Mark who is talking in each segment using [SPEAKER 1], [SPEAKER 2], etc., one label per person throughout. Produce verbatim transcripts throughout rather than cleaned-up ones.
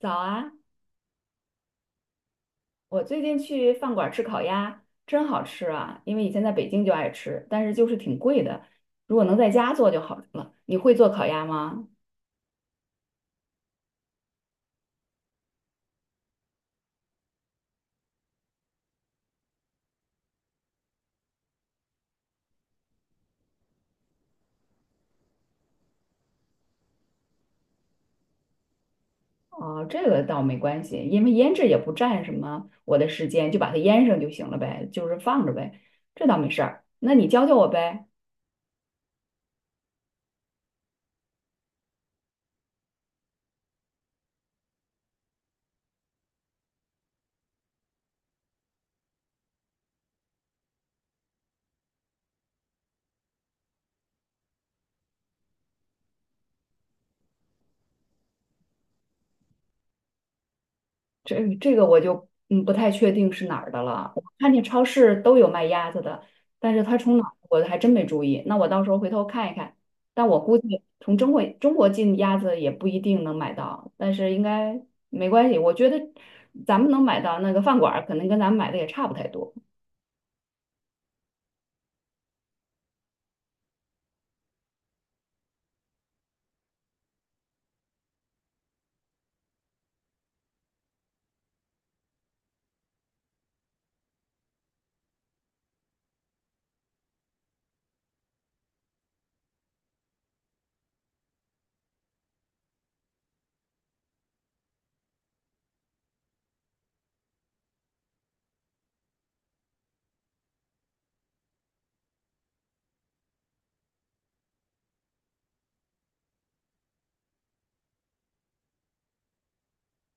[SPEAKER 1] 早啊！我最近去饭馆吃烤鸭，真好吃啊！因为以前在北京就爱吃，但是就是挺贵的。如果能在家做就好了。你会做烤鸭吗？哦，这个倒没关系，因为腌制也不占什么我的时间，就把它腌上就行了呗，就是放着呗，这倒没事儿。那你教教我呗。这这个我就嗯不太确定是哪儿的了。我看见超市都有卖鸭子的，但是它从哪儿我还真没注意。那我到时候回头看一看。但我估计从中国中国进鸭子也不一定能买到，但是应该没关系。我觉得咱们能买到那个饭馆儿可能跟咱们买的也差不太多。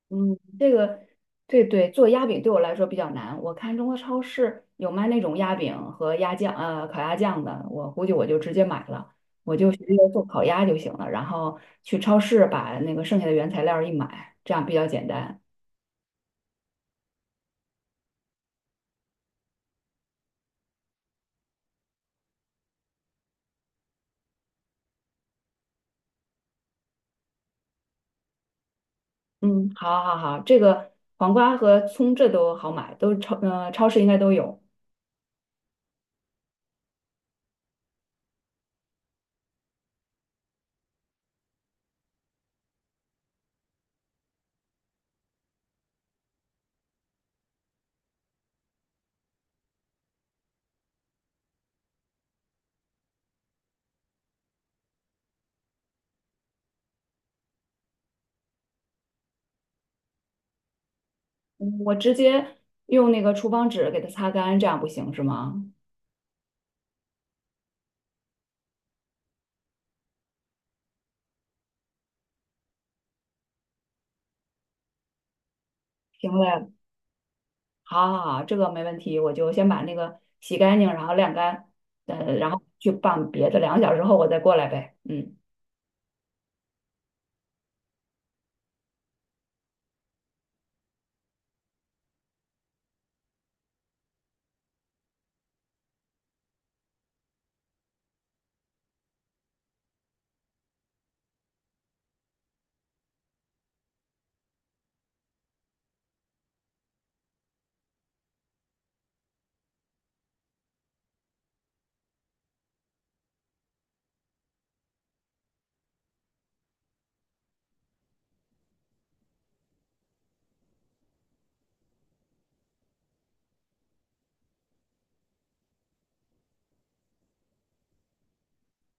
[SPEAKER 1] 嗯，这个对对，做鸭饼对我来说比较难。我看中国超市有卖那种鸭饼和鸭酱，呃，烤鸭酱的，我估计我就直接买了，我就直接做烤鸭就行了。然后去超市把那个剩下的原材料一买，这样比较简单。嗯，好，好，好，这个黄瓜和葱这都好买，都是超，呃，超市应该都有。嗯我直接用那个厨房纸给它擦干，这样不行是吗？行嘞。好好好，这个没问题，我就先把那个洗干净，然后晾干，呃，然后去拌别的，两个小时后我再过来呗。嗯，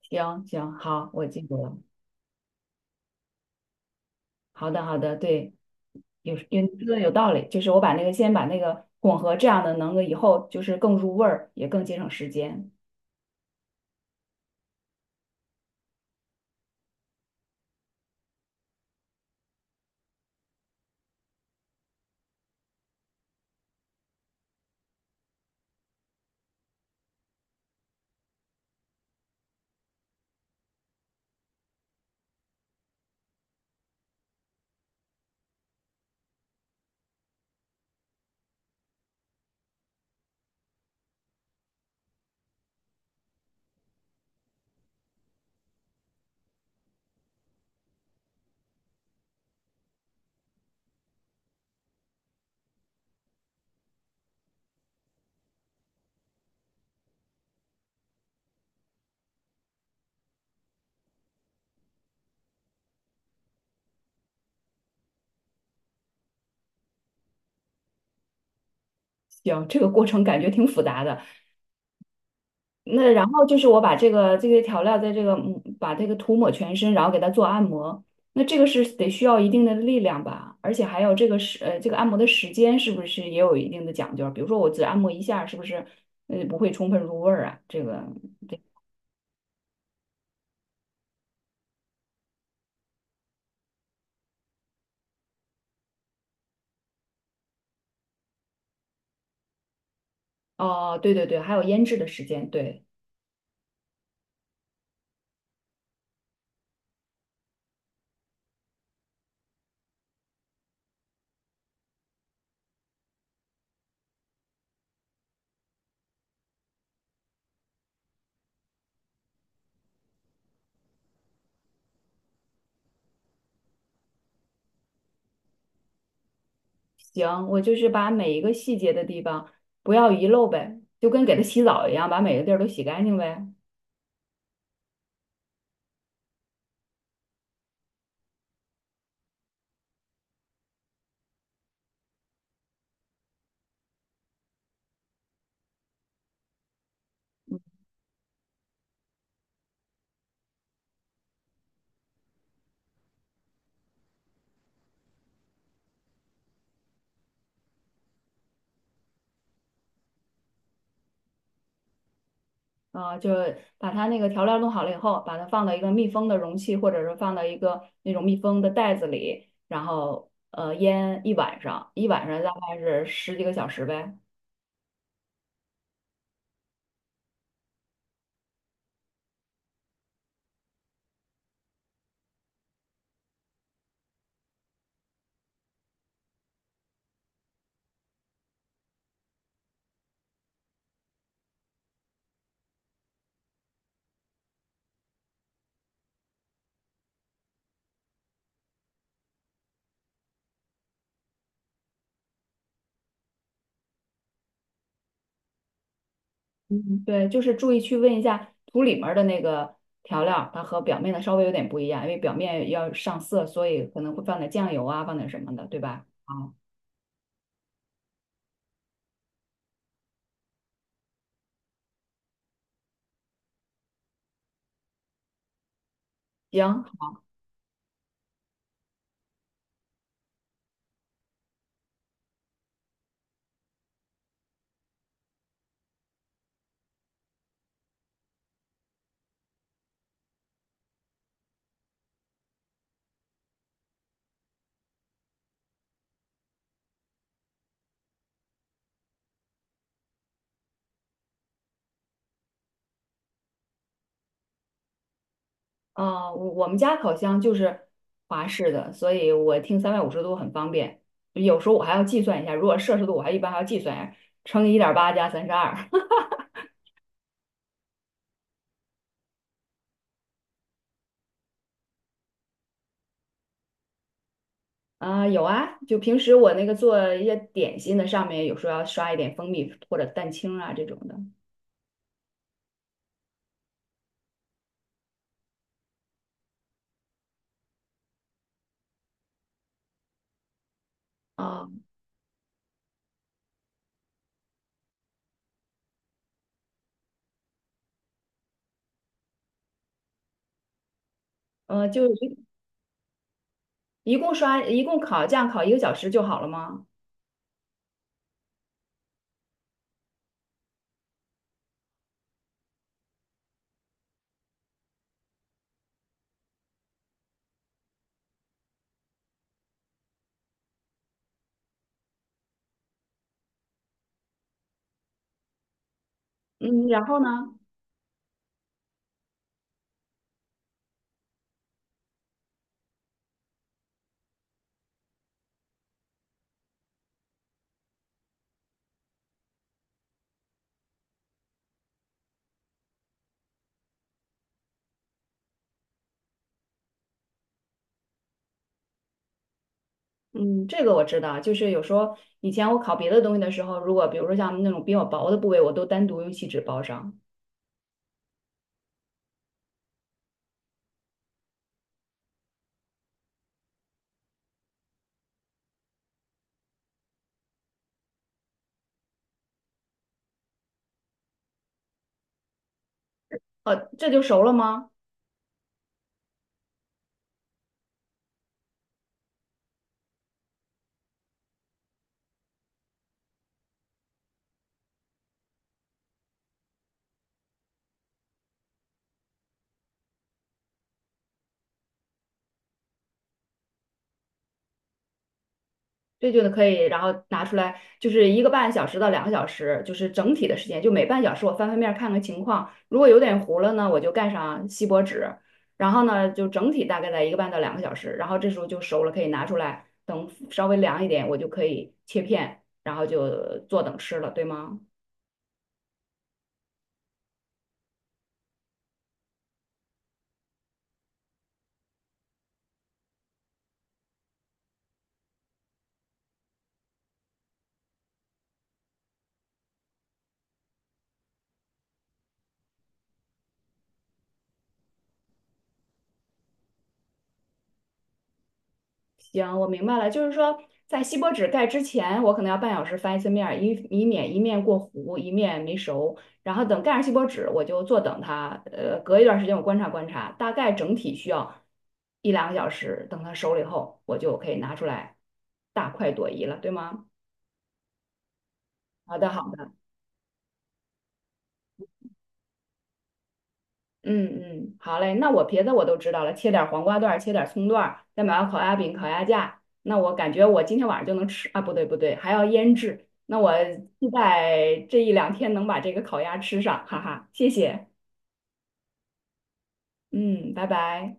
[SPEAKER 1] 行行，好，我记住了。好的好的，对，有有这说的有道理，就是我把那个先把那个混合，这样的能够以后就是更入味儿，也更节省时间。行，这个过程感觉挺复杂的，那然后就是我把这个这些调料在这个嗯把这个涂抹全身，然后给它做按摩。那这个是得需要一定的力量吧，而且还有这个时呃这个按摩的时间是不是也有一定的讲究？比如说我只按摩一下，是不是呃不会充分入味儿啊？这个哦，对对对，还有腌制的时间，对，行，我就是把每一个细节的地方不要遗漏呗，就跟给它洗澡一样，把每个地儿都洗干净呗。啊、就把它那个调料弄好了以后，把它放到一个密封的容器，或者是放到一个那种密封的袋子里，然后呃腌一晚上，一晚上大概是十几个小时呗。嗯，对，就是注意去问一下土里面儿的那个调料儿它和表面的稍微有点不一样，因为表面要上色，所以可能会放点酱油啊，放点什么的，对吧？好，行，啊，我我们家烤箱就是华氏的，所以我听三百五十度很方便。有时候我还要计算一下，如果摄氏度，我还一般还要计算一下，乘以一点八加三十二。啊，有啊，就平时我那个做一些点心的，上面有时候要刷一点蜂蜜或者蛋清啊这种的。啊，呃，就一一共刷一共烤这样烤一个小时就好了吗？嗯，然后呢？嗯，这个我知道，就是有时候以前我烤别的东西的时候，如果比如说像那种比较薄的部位，我都单独用锡纸包上。呃，这就熟了吗？这就可以，然后拿出来，就是一个半小时到两个小时，就是整体的时间，就每半小时我翻翻面儿看看情况，如果有点糊了呢，我就盖上锡箔纸，然后呢就整体大概在一个半到两个小时，然后这时候就熟了，可以拿出来，等稍微凉一点，我就可以切片，然后就坐等吃了，对吗？行，我明白了，就是说，在锡箔纸盖之前，我可能要半小时翻一次面儿，以以免一面过糊，一面没熟。然后等盖上锡箔纸，我就坐等它，呃，隔一段时间我观察观察，大概整体需要一两个小时，等它熟了以后，我就可以拿出来，大快朵颐了，对吗？好的，好的。嗯嗯，好嘞，那我别的我都知道了，切点儿黄瓜段儿切点儿葱段儿再买个烤鸭饼、烤鸭架。那我感觉我今天晚上就能吃啊，不对不对，还要腌制。那我期待这一两天能把这个烤鸭吃上，哈哈，谢谢。嗯，拜拜。